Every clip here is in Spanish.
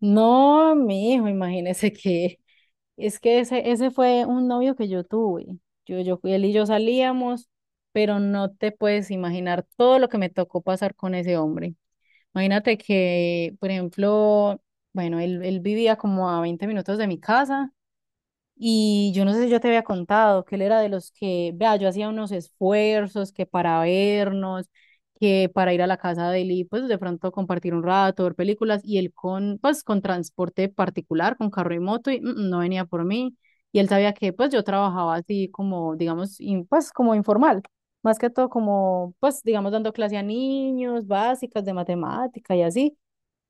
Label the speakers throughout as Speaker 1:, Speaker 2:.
Speaker 1: No, mi hijo, imagínese que es que ese fue un novio que yo tuve. Él y yo salíamos, pero no te puedes imaginar todo lo que me tocó pasar con ese hombre. Imagínate que, por ejemplo, bueno, él vivía como a 20 minutos de mi casa y yo no sé si yo te había contado que él era de los que, vea, yo hacía unos esfuerzos que para vernos, que para ir a la casa de él y pues de pronto compartir un rato, ver películas, y él pues con transporte particular, con carro y moto, y no venía por mí. Y él sabía que pues yo trabajaba así como, digamos, pues como informal, más que todo como, pues digamos, dando clase a niños, básicas de matemática y así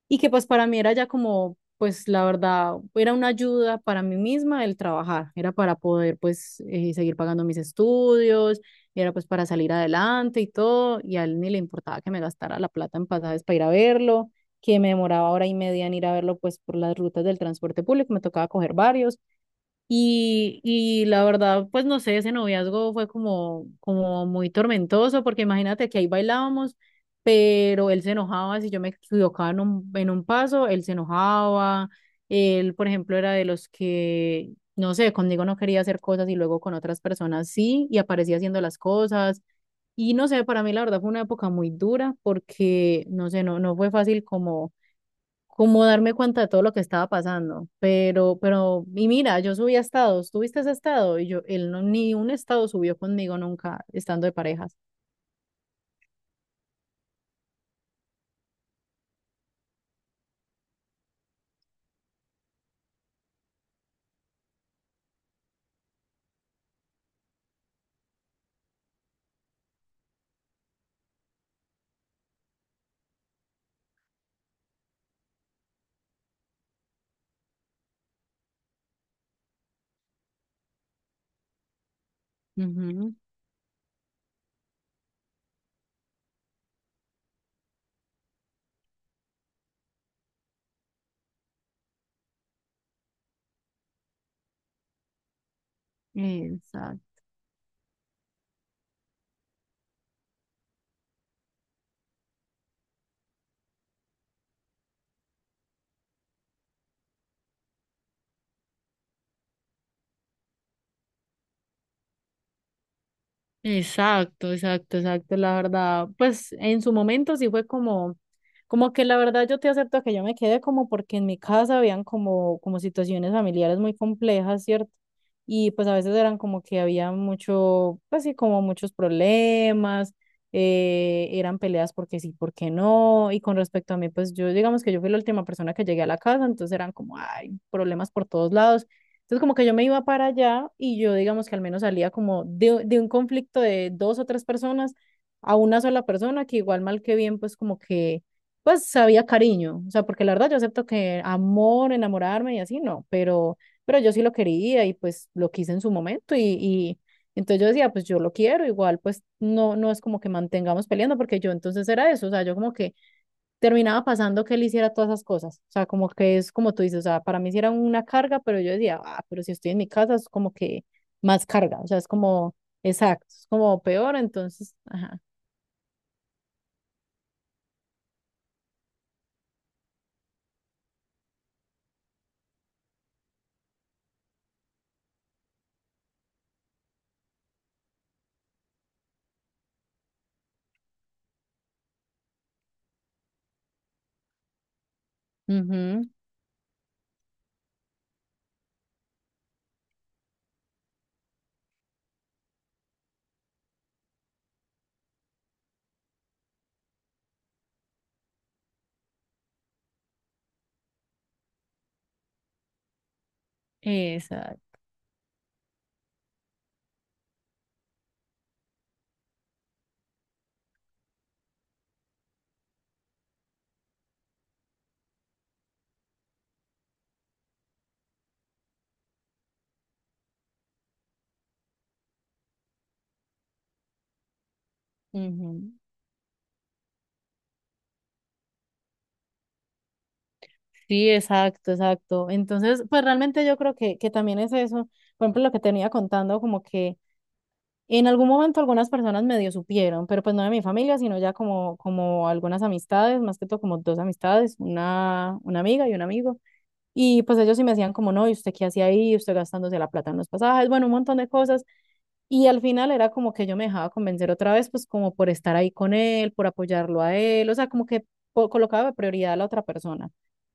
Speaker 1: y que pues para mí era ya como, pues la verdad, era una ayuda para mí misma el trabajar, era para poder pues seguir pagando mis estudios, era pues para salir adelante y todo, y a él ni le importaba que me gastara la plata en pasajes para ir a verlo, que me demoraba hora y media en ir a verlo pues por las rutas del transporte público, me tocaba coger varios. Y la verdad, pues no sé, ese noviazgo fue como, como muy tormentoso, porque imagínate que ahí bailábamos, pero él se enojaba si yo me equivocaba en en un paso, él se enojaba, él, por ejemplo, era de los que, no sé, conmigo no quería hacer cosas y luego con otras personas sí, y aparecía haciendo las cosas. Y no sé, para mí la verdad fue una época muy dura, porque, no sé, no, no fue fácil como darme cuenta de todo lo que estaba pasando. Pero, y mira, yo subí a estados, ¿tuviste ese estado? Y yo, él no, ni un estado subió conmigo nunca, estando de parejas. Ujú. Exacto. Exacto, exacto, exacto, la verdad, pues en su momento sí fue como, como que la verdad yo te acepto que yo me quedé como porque en mi casa habían como situaciones familiares muy complejas, ¿cierto? Y pues a veces eran como que había mucho, pues sí, como muchos problemas, eran peleas porque sí, porque no, y con respecto a mí, pues yo digamos que yo fui la última persona que llegué a la casa, entonces eran como, ay, problemas por todos lados. Entonces, como que yo me iba para allá y yo, digamos que al menos salía como de un conflicto de dos o tres personas a una sola persona que igual mal que bien, pues como que, pues sabía cariño. O sea, porque la verdad yo acepto que amor, enamorarme y así, no, pero yo sí lo quería y pues lo quise en su momento y entonces yo decía, pues yo lo quiero, igual pues no, no es como que mantengamos peleando porque yo entonces era eso, o sea, yo como que terminaba pasando que él hiciera todas esas cosas. O sea, como que es como tú dices, o sea, para mí sí era una carga, pero yo decía, ah, pero si estoy en mi casa es como que más carga. O sea, es como, exacto, es como peor, entonces, ajá. Ujú, exacto. Ujú. Sí, exacto, exacto. Entonces, pues realmente yo creo que también es eso. Por ejemplo, lo que tenía contando, como que en algún momento algunas personas medio supieron, pero pues no de mi familia, sino ya como, como algunas amistades, más que todo como dos amistades, una amiga y un amigo. Y pues ellos sí me decían como, no, ¿y usted qué hacía ahí? ¿Usted gastándose la plata en los pasajes? Bueno, un montón de cosas. Y al final era como que yo me dejaba convencer otra vez, pues como por estar ahí con él, por apoyarlo a él, o sea, como que colocaba de prioridad a la otra persona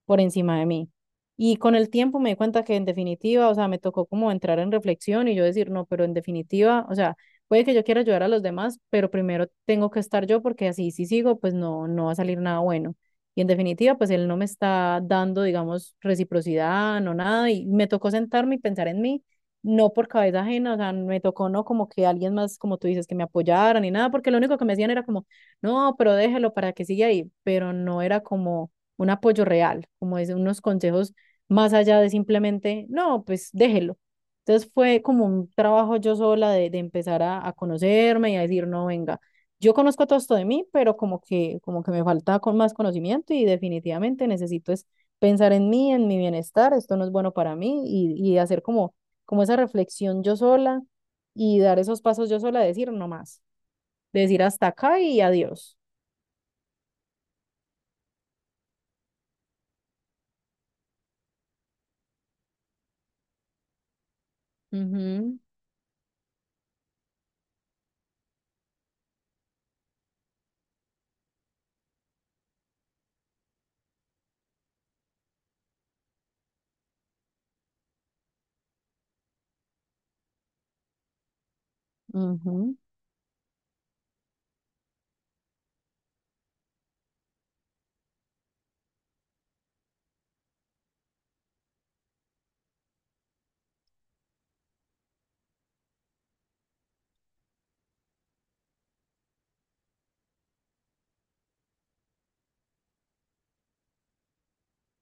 Speaker 1: por encima de mí. Y con el tiempo me di cuenta que en definitiva, o sea, me tocó como entrar en reflexión y yo decir, no, pero en definitiva, o sea, puede que yo quiera ayudar a los demás, pero primero tengo que estar yo porque así si sigo, pues no, no va a salir nada bueno. Y en definitiva, pues él no me está dando, digamos, reciprocidad, no nada, y me tocó sentarme y pensar en mí no por cabeza ajena, o sea, me tocó no como que alguien más, como tú dices, que me apoyara ni nada, porque lo único que me decían era como, no, pero déjelo para que siga ahí, pero no era como un apoyo real, como es unos consejos más allá de simplemente, no, pues déjelo. Entonces fue como un trabajo yo sola de empezar a conocerme y a decir, no, venga, yo conozco todo esto de mí, pero como que me falta con más conocimiento y definitivamente necesito es pensar en mí, en mi bienestar, esto no es bueno para mí y hacer como como esa reflexión yo sola y dar esos pasos yo sola, decir no más, decir hasta acá y adiós. Ujú, ujú.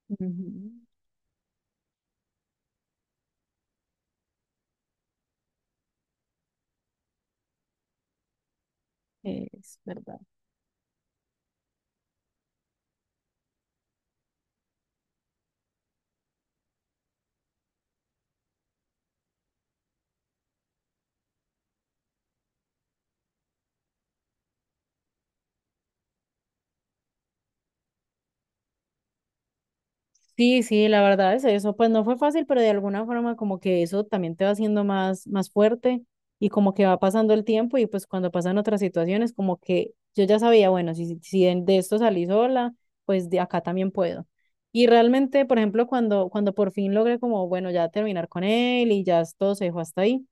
Speaker 1: Ujú. Es verdad. Sí, sí, la verdad es eso. Pues no fue fácil, pero de alguna forma como que eso también te va haciendo más, más fuerte y como que va pasando el tiempo y pues cuando pasan otras situaciones como que yo ya sabía, bueno, si, si de esto salí sola, pues de acá también puedo. Y realmente, por ejemplo, cuando por fin logré como, bueno, ya terminar con él y ya todo se dejó hasta ahí.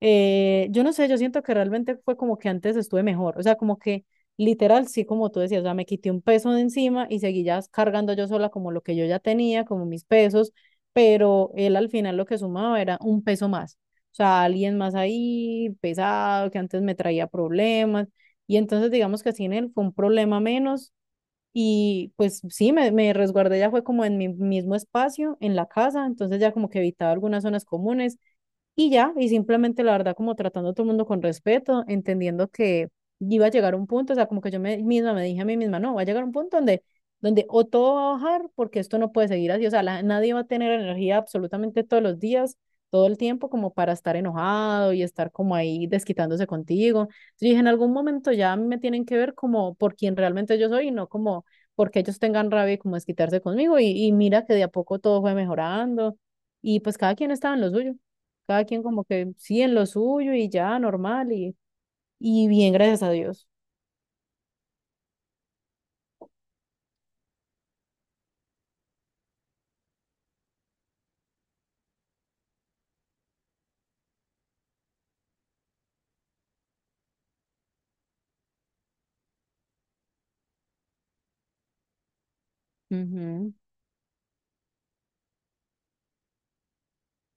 Speaker 1: Yo no sé, yo siento que realmente fue como que antes estuve mejor, o sea, como que literal, sí, como tú decías, o sea, me quité un peso de encima y seguí ya cargando yo sola como lo que yo ya tenía, como mis pesos, pero él al final lo que sumaba era un peso más, o sea, alguien más ahí pesado que antes me traía problemas y entonces digamos que así en él fue un problema menos y pues sí, me resguardé ya fue como en mi mismo espacio, en la casa, entonces ya como que evitaba algunas zonas comunes y ya, y simplemente la verdad como tratando a todo el mundo con respeto, entendiendo que iba a llegar un punto, o sea, como que yo misma me dije a mí misma, no, va a llegar un punto donde o todo va a bajar porque esto no puede seguir así, o sea, la- nadie va a tener energía absolutamente todos los días, todo el tiempo como para estar enojado y estar como ahí desquitándose contigo. Entonces dije, en algún momento ya a mí me tienen que ver como por quien realmente yo soy y no como porque ellos tengan rabia y como desquitarse conmigo y mira que de a poco todo fue mejorando y pues cada quien estaba en lo suyo. Cada quien como que sí en lo suyo y ya, normal y bien, gracias a Dios. Ujú,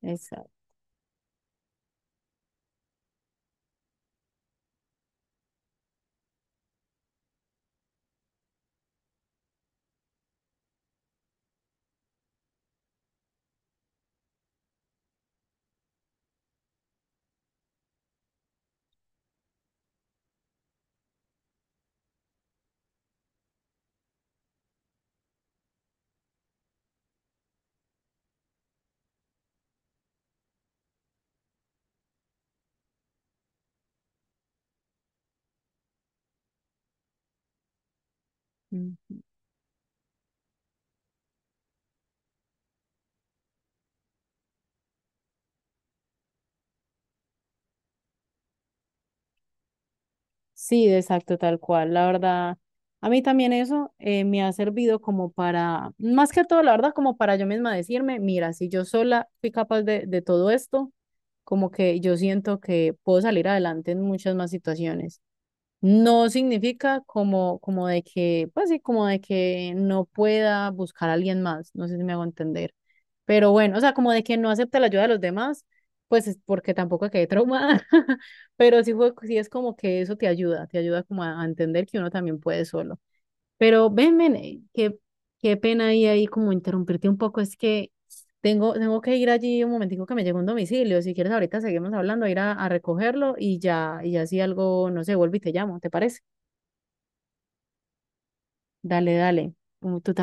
Speaker 1: exacto. Ujú. Sí, exacto, tal cual. La verdad, a mí también eso me ha servido como para, más que todo, la verdad, como para yo misma decirme, mira, si yo sola fui capaz de todo esto, como que yo siento que puedo salir adelante en muchas más situaciones. No significa como, como de que, pues sí, como de que no pueda buscar a alguien más, no sé si me hago entender. Pero bueno, o sea, como de que no acepta la ayuda de los demás, pues es porque tampoco quedé traumada. Pero sí, fue, sí es como que eso te ayuda como a entender que uno también puede solo. Pero ven, ven, qué, pena ahí como interrumpirte un poco, es que tengo que ir allí un momentico que me llegó un domicilio, si quieres ahorita seguimos hablando, ir a recogerlo y ya, y, ya si algo, no sé, vuelvo y te llamo, ¿te parece? Dale, dale, como tú